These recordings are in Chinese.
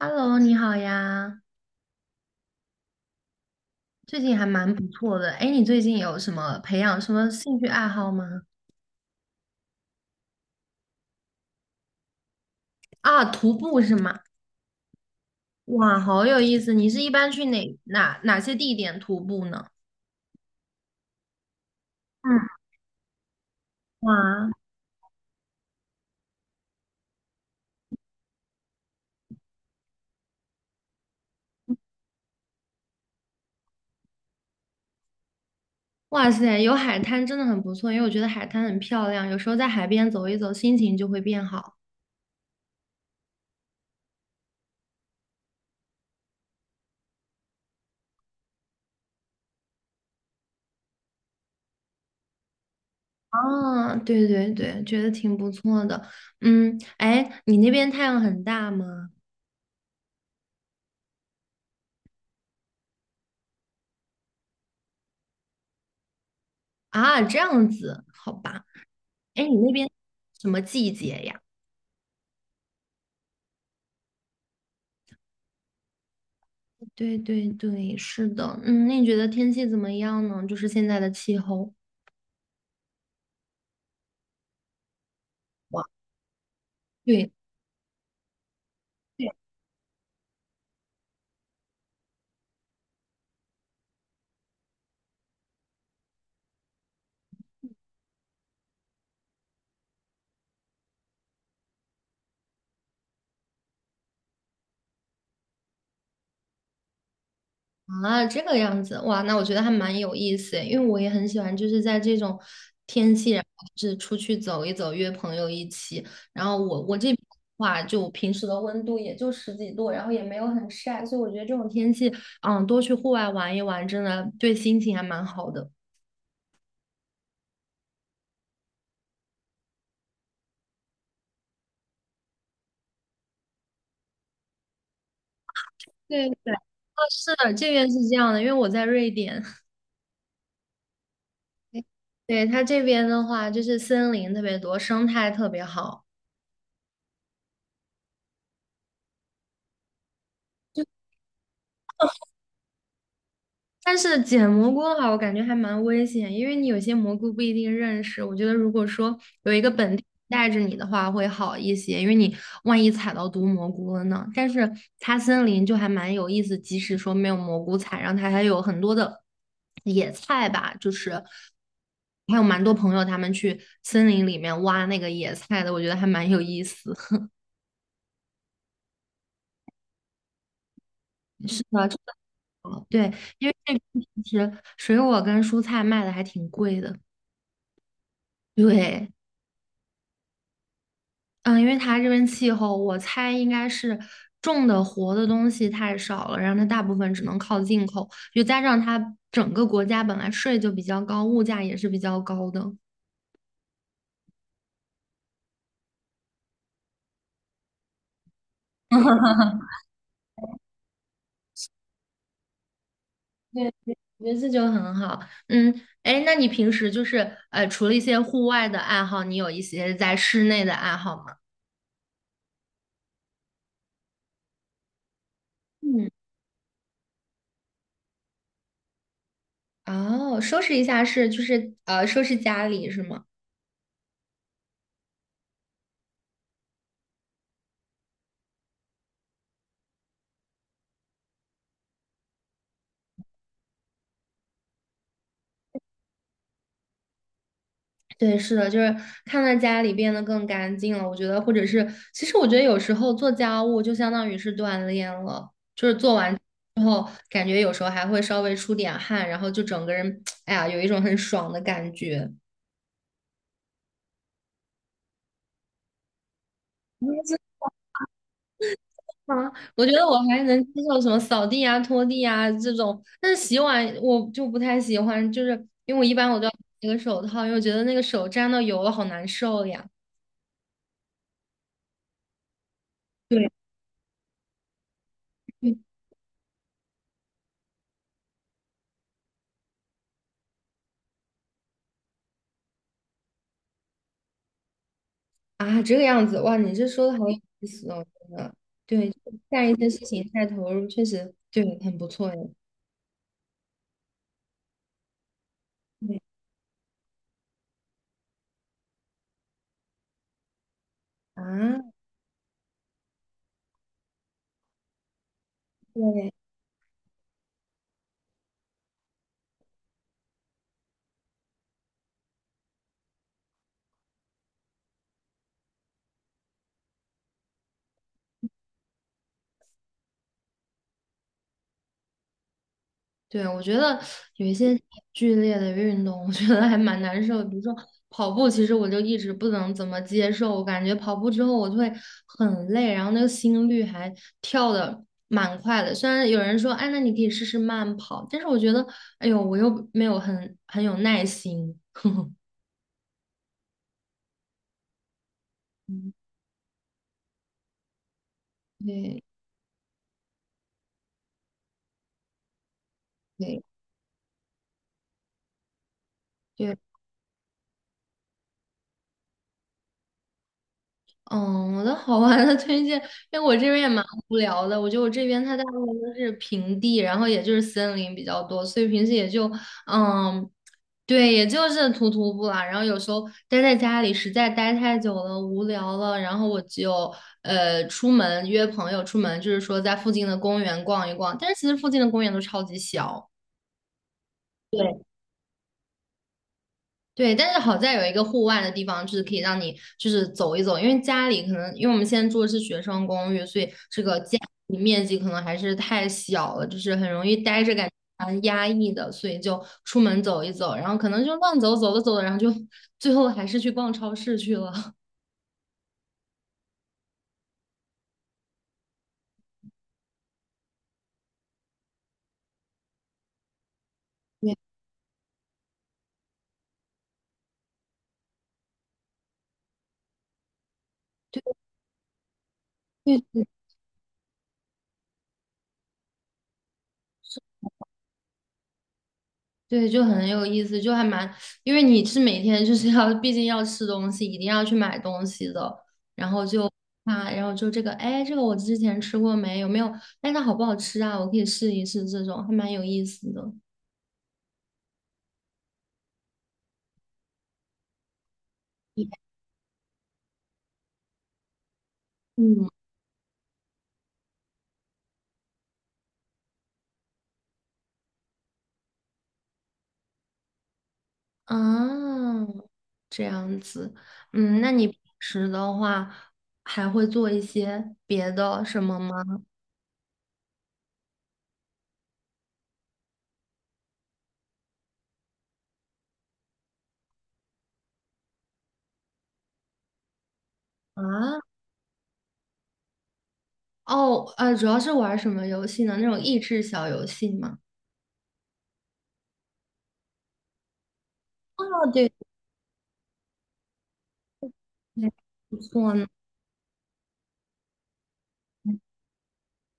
Hello，你好呀，最近还蛮不错的。哎，你最近有什么培养什么兴趣爱好吗？啊，徒步是吗？哇，好有意思！你是一般去哪些地点徒步呢？嗯，哇哇塞，有海滩真的很不错，因为我觉得海滩很漂亮，有时候在海边走一走，心情就会变好。啊，对对对，觉得挺不错的。嗯，哎，你那边太阳很大吗？啊，这样子，好吧。哎，你那边什么季节呀？对对对，是的，嗯，那你觉得天气怎么样呢？就是现在的气候。哇，对，对啊，这个样子，哇，那我觉得还蛮有意思诶，因为我也很喜欢，就是在这种天气，然后就是出去走一走，约朋友一起。然后我这边的话，就平时的温度也就十几度，然后也没有很晒，所以我觉得这种天气，嗯，多去户外玩一玩，真的对心情还蛮好的。对对，啊，是的，这边是这样的，因为我在瑞典。对，它这边的话，就是森林特别多，生态特别好。但是捡蘑菇的话，我感觉还蛮危险，因为你有些蘑菇不一定认识。我觉得如果说有一个本地人带着你的话，会好一些，因为你万一踩到毒蘑菇了呢。但是它森林就还蛮有意思，即使说没有蘑菇采，然后它还有很多的野菜吧，就是还有蛮多朋友他们去森林里面挖那个野菜的，我觉得还蛮有意思。是的。了。对，因为这边其实水果跟蔬菜卖的还挺贵的。对，嗯，因为它这边气候，我猜应该是种的活的东西太少了，然后它大部分只能靠进口，又加上它整个国家本来税就比较高，物价也是比较高的。对，对我觉得这就很好。嗯，哎，那你平时就是除了一些户外的爱好，你有一些在室内的爱好吗？嗯，哦，收拾一下是就是收拾家里是吗？对，是的，就是看到家里变得更干净了，我觉得，或者是，其实我觉得有时候做家务就相当于是锻炼了，就是做完之后，感觉有时候还会稍微出点汗，然后就整个人，哎呀，有一种很爽的感觉。啊，我觉得我还能接受什么扫地啊、拖地啊这种，但是洗碗我就不太喜欢，就是因为我一般都要戴一个手套，因为我觉得那个手沾到油了好难受呀。对，啊，这个样子，哇，你这说的好有意思哦，真的，对，就干一些事情太投入，确实对，很不错哎。对啊，对对，我觉得有一些剧烈的运动，我觉得还蛮难受的。比如说跑步，其实我就一直不能怎么接受，我感觉跑步之后我就会很累，然后那个心率还跳的蛮快的。虽然有人说，哎，那你可以试试慢跑，但是我觉得，哎呦，我又没有很有耐心。嗯对对。对嗯，我的好玩的推荐，因为我这边也蛮无聊的。我觉得我这边它大部分都是平地，然后也就是森林比较多，所以平时也就嗯，对，也就是徒步啦。然后有时候待在家里，实在待太久了，无聊了，然后我就出门约朋友出门，就是说在附近的公园逛一逛。但是其实附近的公园都超级小。对对，但是好在有一个户外的地方，就是可以让你就是走一走，因为家里可能因为我们现在住的是学生公寓，所以这个家里面积可能还是太小了，就是很容易待着感觉蛮压抑的，所以就出门走一走，然后可能就乱走，走着走着，然后就 最后还是去逛超市去了。对对，对对，就很有意思，就还蛮，因为你是每天就是要，毕竟要吃东西，一定要去买东西的，然后就啊，然后就这个，哎，这个我之前吃过没？有没有？哎，它好不好吃啊？我可以试一试，这种还蛮有意思的。嗯啊，这样子，嗯，那你平时的话还会做一些别的什么吗？啊，哦，主要是玩什么游戏呢？那种益智小游戏吗？哦，对，对不错呢。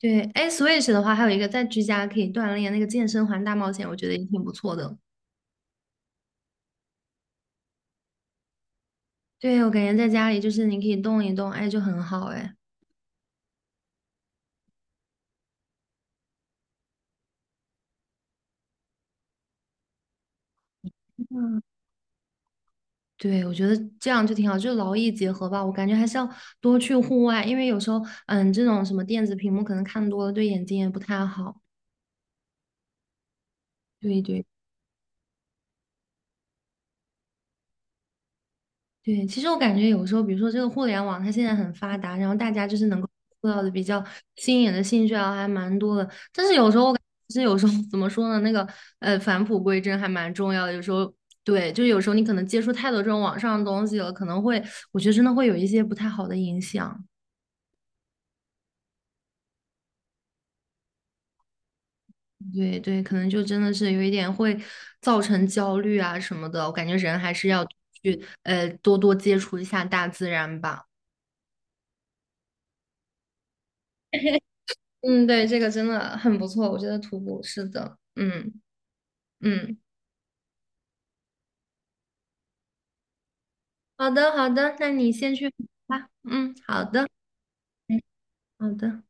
对，哎，Switch 的话，还有一个在居家可以锻炼那个健身环大冒险，我觉得也挺不错的。对，我感觉在家里就是你可以动一动，哎，就很好，哎。对，我觉得这样就挺好，就劳逸结合吧。我感觉还是要多去户外，因为有时候，嗯，这种什么电子屏幕可能看多了对眼睛也不太好。对对。对，其实我感觉有时候，比如说这个互联网，它现在很发达，然后大家就是能够做到的比较新颖的兴趣啊，还蛮多的。但是有时候我感其实有时候 怎么说呢，那个返璞归真还蛮重要的。有时候对，就是有时候你可能接触太多这种网上的东西了，可能会我觉得真的会有一些不太好的影响。对对，可能就真的是有一点会造成焦虑啊什么的。我感觉人还是要去多多接触一下大自然吧。嗯，对，这个真的很不错，我觉得徒步是的，嗯嗯，好的好的，那你先去吧，嗯，好的，嗯，好的。